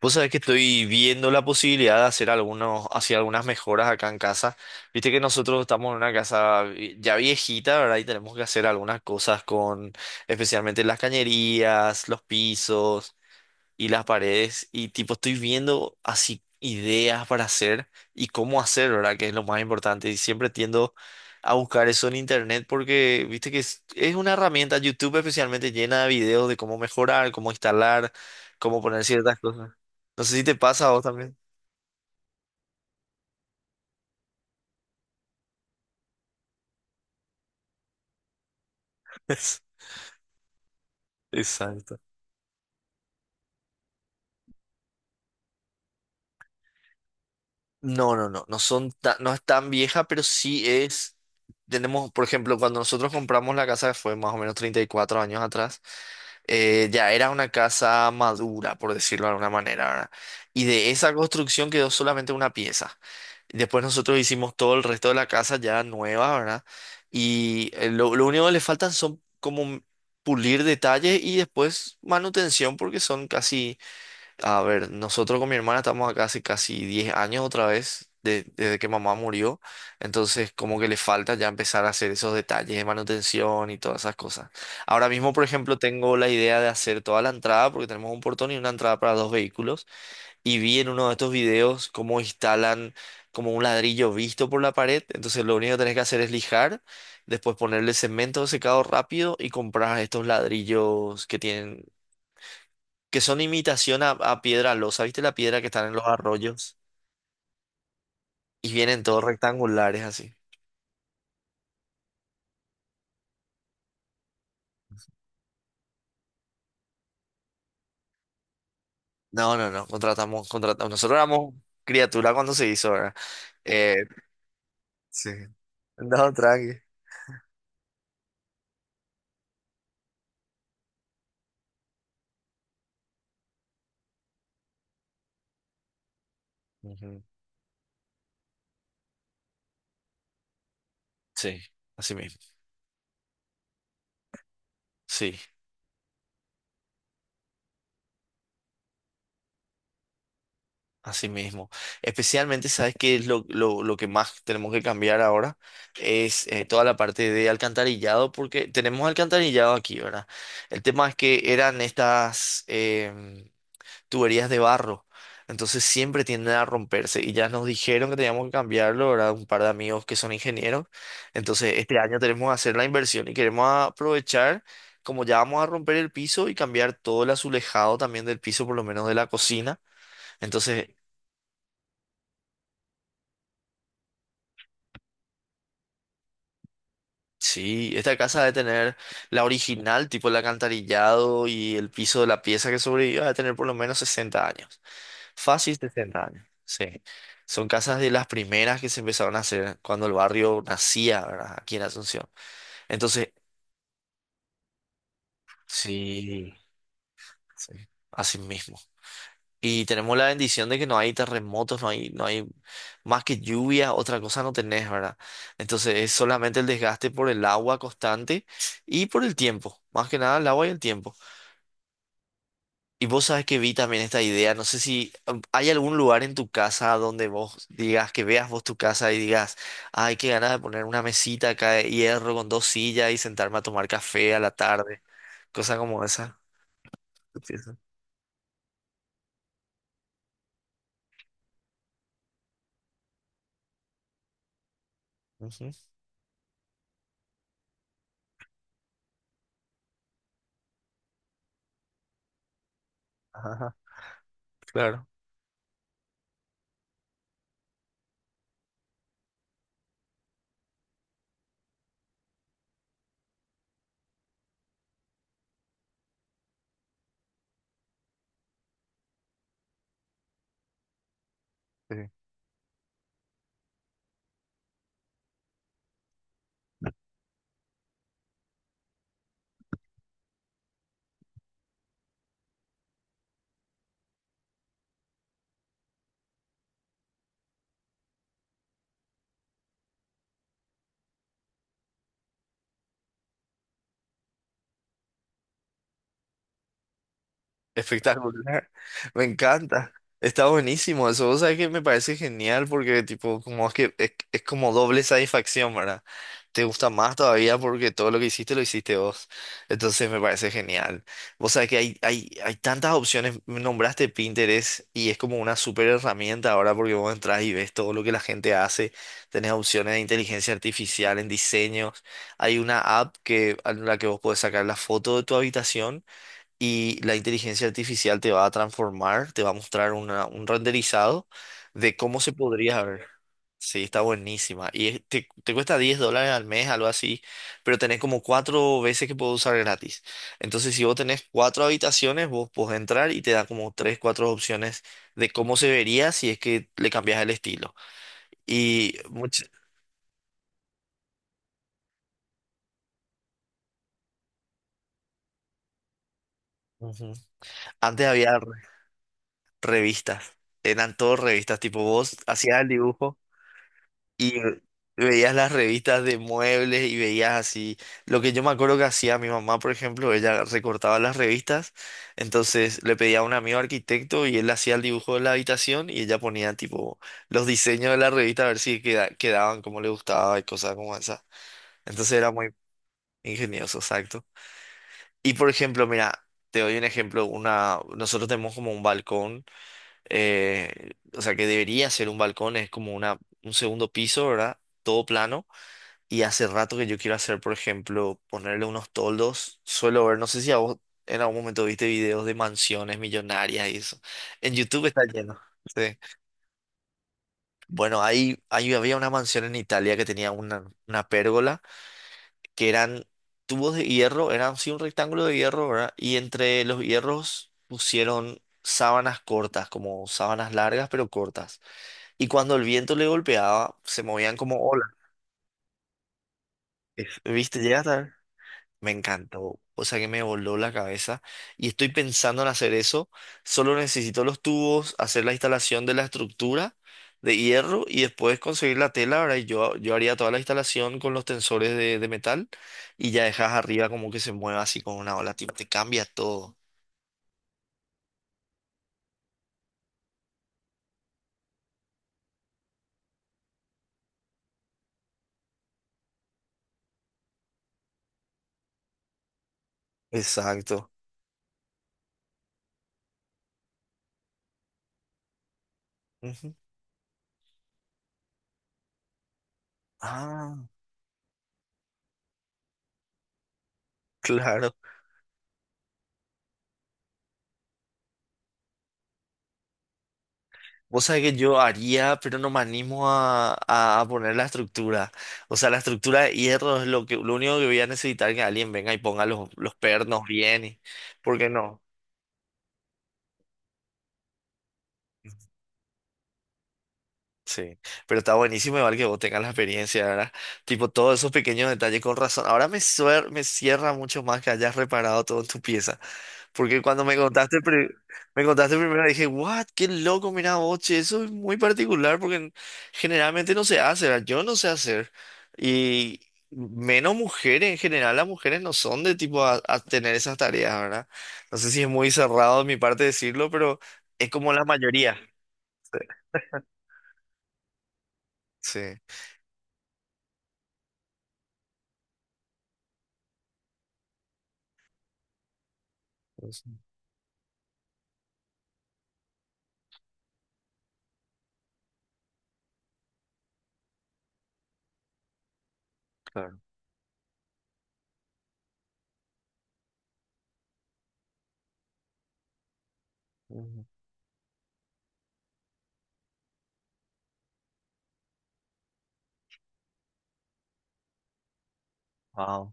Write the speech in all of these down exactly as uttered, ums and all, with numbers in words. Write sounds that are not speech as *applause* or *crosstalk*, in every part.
Vos sabés que estoy viendo la posibilidad de hacer algunos, hacer algunas mejoras acá en casa. Viste que nosotros estamos en una casa vi- ya viejita, ¿verdad? Y tenemos que hacer algunas cosas con, especialmente las cañerías, los pisos y las paredes y tipo estoy viendo así ideas para hacer y cómo hacer, ¿verdad? Que es lo más importante y siempre tiendo a buscar eso en internet porque viste que es, es una herramienta, YouTube especialmente, llena de videos de cómo mejorar, cómo instalar, cómo poner ciertas cosas. No sé si te pasa a vos también. *laughs* Exacto. No, no, no, no son ta- no es tan vieja, pero sí es, tenemos, por ejemplo, cuando nosotros compramos la casa fue más o menos treinta y cuatro años atrás. Eh, ya era una casa madura, por decirlo de alguna manera, ¿verdad? Y de esa construcción quedó solamente una pieza. Después nosotros hicimos todo el resto de la casa ya nueva, ¿verdad? Y eh, lo, lo único que le faltan son como pulir detalles y después manutención porque son casi, a ver, nosotros con mi hermana estamos acá hace casi diez años otra vez, de- desde que mamá murió. Entonces, como que le falta ya empezar a hacer esos detalles de manutención y todas esas cosas. Ahora mismo, por ejemplo, tengo la idea de hacer toda la entrada, porque tenemos un portón y una entrada para dos vehículos. Y vi en uno de estos videos cómo instalan como un ladrillo visto por la pared. Entonces, lo único que tenés que hacer es lijar, después ponerle cemento secado rápido y comprar estos ladrillos que tienen, que son imitación a, a piedra losa. ¿Viste la piedra que están en los arroyos? Y vienen todos rectangulares así. No, no, no, contratamos, contratamos. Nosotros éramos criatura cuando se hizo, ¿verdad? Eh, sí. No, tranqui. Ujú. Sí, así mismo. Sí, así mismo. Especialmente, ¿sabes qué es lo, lo, lo que más tenemos que cambiar ahora? Es eh, toda la parte de alcantarillado, porque tenemos alcantarillado aquí, ¿verdad? El tema es que eran estas... em, tuberías de barro. Entonces siempre tienden a romperse y ya nos dijeron que teníamos que cambiarlo, ¿verdad? Un par de amigos que son ingenieros. Entonces este año tenemos que hacer la inversión y queremos aprovechar, como ya vamos a romper el piso y cambiar todo el azulejado también del piso, por lo menos de la cocina. Entonces sí, esta casa debe tener la original, tipo el alcantarillado y el piso de la pieza que sobrevivió, debe tener por lo menos sesenta años. Fácil sesenta años, sí. Son casas de las primeras que se empezaron a hacer cuando el barrio nacía, ¿verdad? Aquí en Asunción. Entonces, sí, sí, así mismo. Y tenemos la bendición de que no hay terremotos, no hay, no hay más que lluvia, otra cosa no tenés, ¿verdad? Entonces es solamente el desgaste por el agua constante y por el tiempo, más que nada el agua y el tiempo. Y vos sabes que vi también esta idea, no sé si um, hay algún lugar en tu casa donde vos digas, que veas vos tu casa y digas, ay, qué ganas de poner una mesita acá de hierro con dos sillas y sentarme a tomar café a la tarde, cosa como esa. Empieza. Ujú. Ajá, claro. Espectacular. *laughs* Me encanta. Está buenísimo eso. Vos sabés que me parece genial porque tipo, como es que es, es como doble satisfacción, ¿verdad? Te gusta más todavía porque todo lo que hiciste lo hiciste vos. Entonces me parece genial. Vos sabés que hay, hay, hay tantas opciones. Me nombraste Pinterest y es como una super herramienta ahora porque vos entras y ves todo lo que la gente hace. Tenés opciones de inteligencia artificial en diseños. Hay una app que, en la que vos podés sacar la foto de tu habitación y la inteligencia artificial te va a transformar, te va a mostrar una- un renderizado de cómo se podría ver. Sí, está buenísima. Y es- te, te cuesta diez dólares al mes, algo así, pero tenés como cuatro veces que puedes usar gratis. Entonces, si vos tenés cuatro habitaciones, vos podés entrar y te da como tres, cuatro opciones de cómo se vería si es que le cambias el estilo. Y much- Ujú. Antes había re- revistas, eran todas revistas, tipo vos hacías el dibujo. Y veías las revistas de muebles y veías así. Lo que yo me acuerdo que hacía mi mamá, por ejemplo, ella recortaba las revistas, entonces le pedía a un amigo arquitecto y él hacía el dibujo de la habitación y ella ponía tipo los diseños de la revista a ver si queda- quedaban como le gustaba y cosas como esa. Entonces era muy ingenioso, exacto. Y por ejemplo, mira, te doy un ejemplo, una, nosotros tenemos como un balcón, eh, o sea que debería ser un balcón, es como una, un segundo piso, ¿verdad? Todo plano. Y hace rato que yo quiero hacer, por ejemplo, ponerle unos toldos. Suelo ver, no sé si a vos en algún momento viste videos de mansiones millonarias y eso. En YouTube está lleno. Sí. Bueno, ahí, ahí había una mansión en Italia que tenía una, una pérgola, que eran tubos de hierro, eran sí un rectángulo de hierro, ¿verdad? Y entre los hierros pusieron sábanas cortas, como sábanas largas pero cortas. Y cuando el viento le golpeaba, se movían como olas. Es- ¿Viste? ¿Llegaste a ver? Me encantó. O sea que me voló la cabeza y estoy pensando en hacer eso. Solo necesito los tubos, hacer la instalación de la estructura de hierro y después conseguir la tela. Ahora yo, yo haría toda la instalación con los tensores de, de metal y ya dejas arriba como que se mueva así con una ola, tipo, te cambia todo. Exacto. Ujú. Ah, *laughs* claro. Vos sabés que yo haría, pero no me animo a, a- a poner la estructura. O sea, la estructura de hierro es lo que, lo único que voy a necesitar que alguien venga y ponga los, los pernos bien. Y- ¿porque no? Sí, pero está buenísimo igual que vos tengas la experiencia, ¿verdad? Tipo, todos esos pequeños detalles con razón. Ahora me, suer- me cierra mucho más que hayas reparado todo en tu pieza. Porque cuando me contaste, pri- me contaste primero dije, what, qué loco, mira vos, che, eso es muy particular porque n- generalmente no se hace, ¿verdad? Yo no sé hacer. Y menos mujeres, en general las mujeres no son de tipo a, a tener esas tareas, ¿verdad? No sé si es muy cerrado de mi parte decirlo, pero es como la mayoría. Sí. Sí. Claro. Ujú. Wow.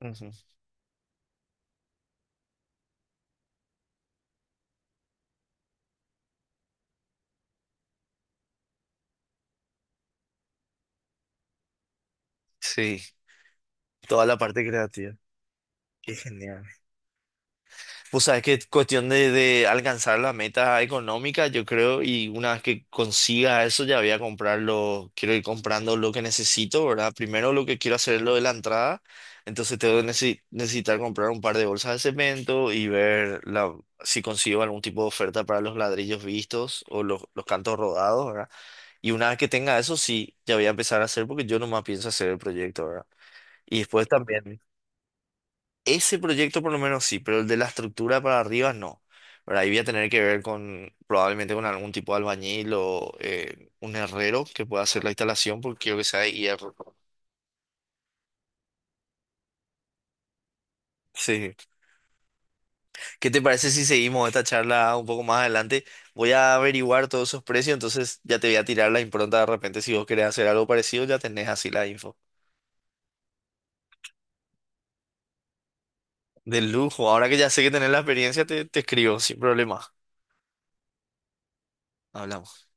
Ujú. Sí, toda la parte creativa. Qué genial. Pues sabes que es cuestión de, de alcanzar la meta económica, yo creo, y una vez que consiga eso ya voy a comprarlo, quiero ir comprando lo que necesito, ¿verdad? Primero lo que quiero hacer es lo de la entrada, entonces tengo que necesi- necesitar comprar un par de bolsas de cemento y ver la, si consigo algún tipo de oferta para los ladrillos vistos o los, los cantos rodados, ¿verdad? Y una vez que tenga eso, sí, ya voy a empezar a hacer porque yo nomás pienso hacer el proyecto, ¿verdad? Y después también, ese proyecto por lo menos sí, pero el de la estructura para arriba no, ¿verdad? Ahí voy a tener que ver con, probablemente con algún tipo de albañil o eh, un herrero que pueda hacer la instalación porque quiero que sea de hierro. Sí. ¿Qué te parece si seguimos esta charla un poco más adelante? Voy a averiguar todos esos precios, entonces ya te voy a tirar la impronta de repente. Si vos querés hacer algo parecido, ya tenés así la info. De lujo. Ahora que ya sé que tenés la experiencia, te, te escribo sin problema. Hablamos.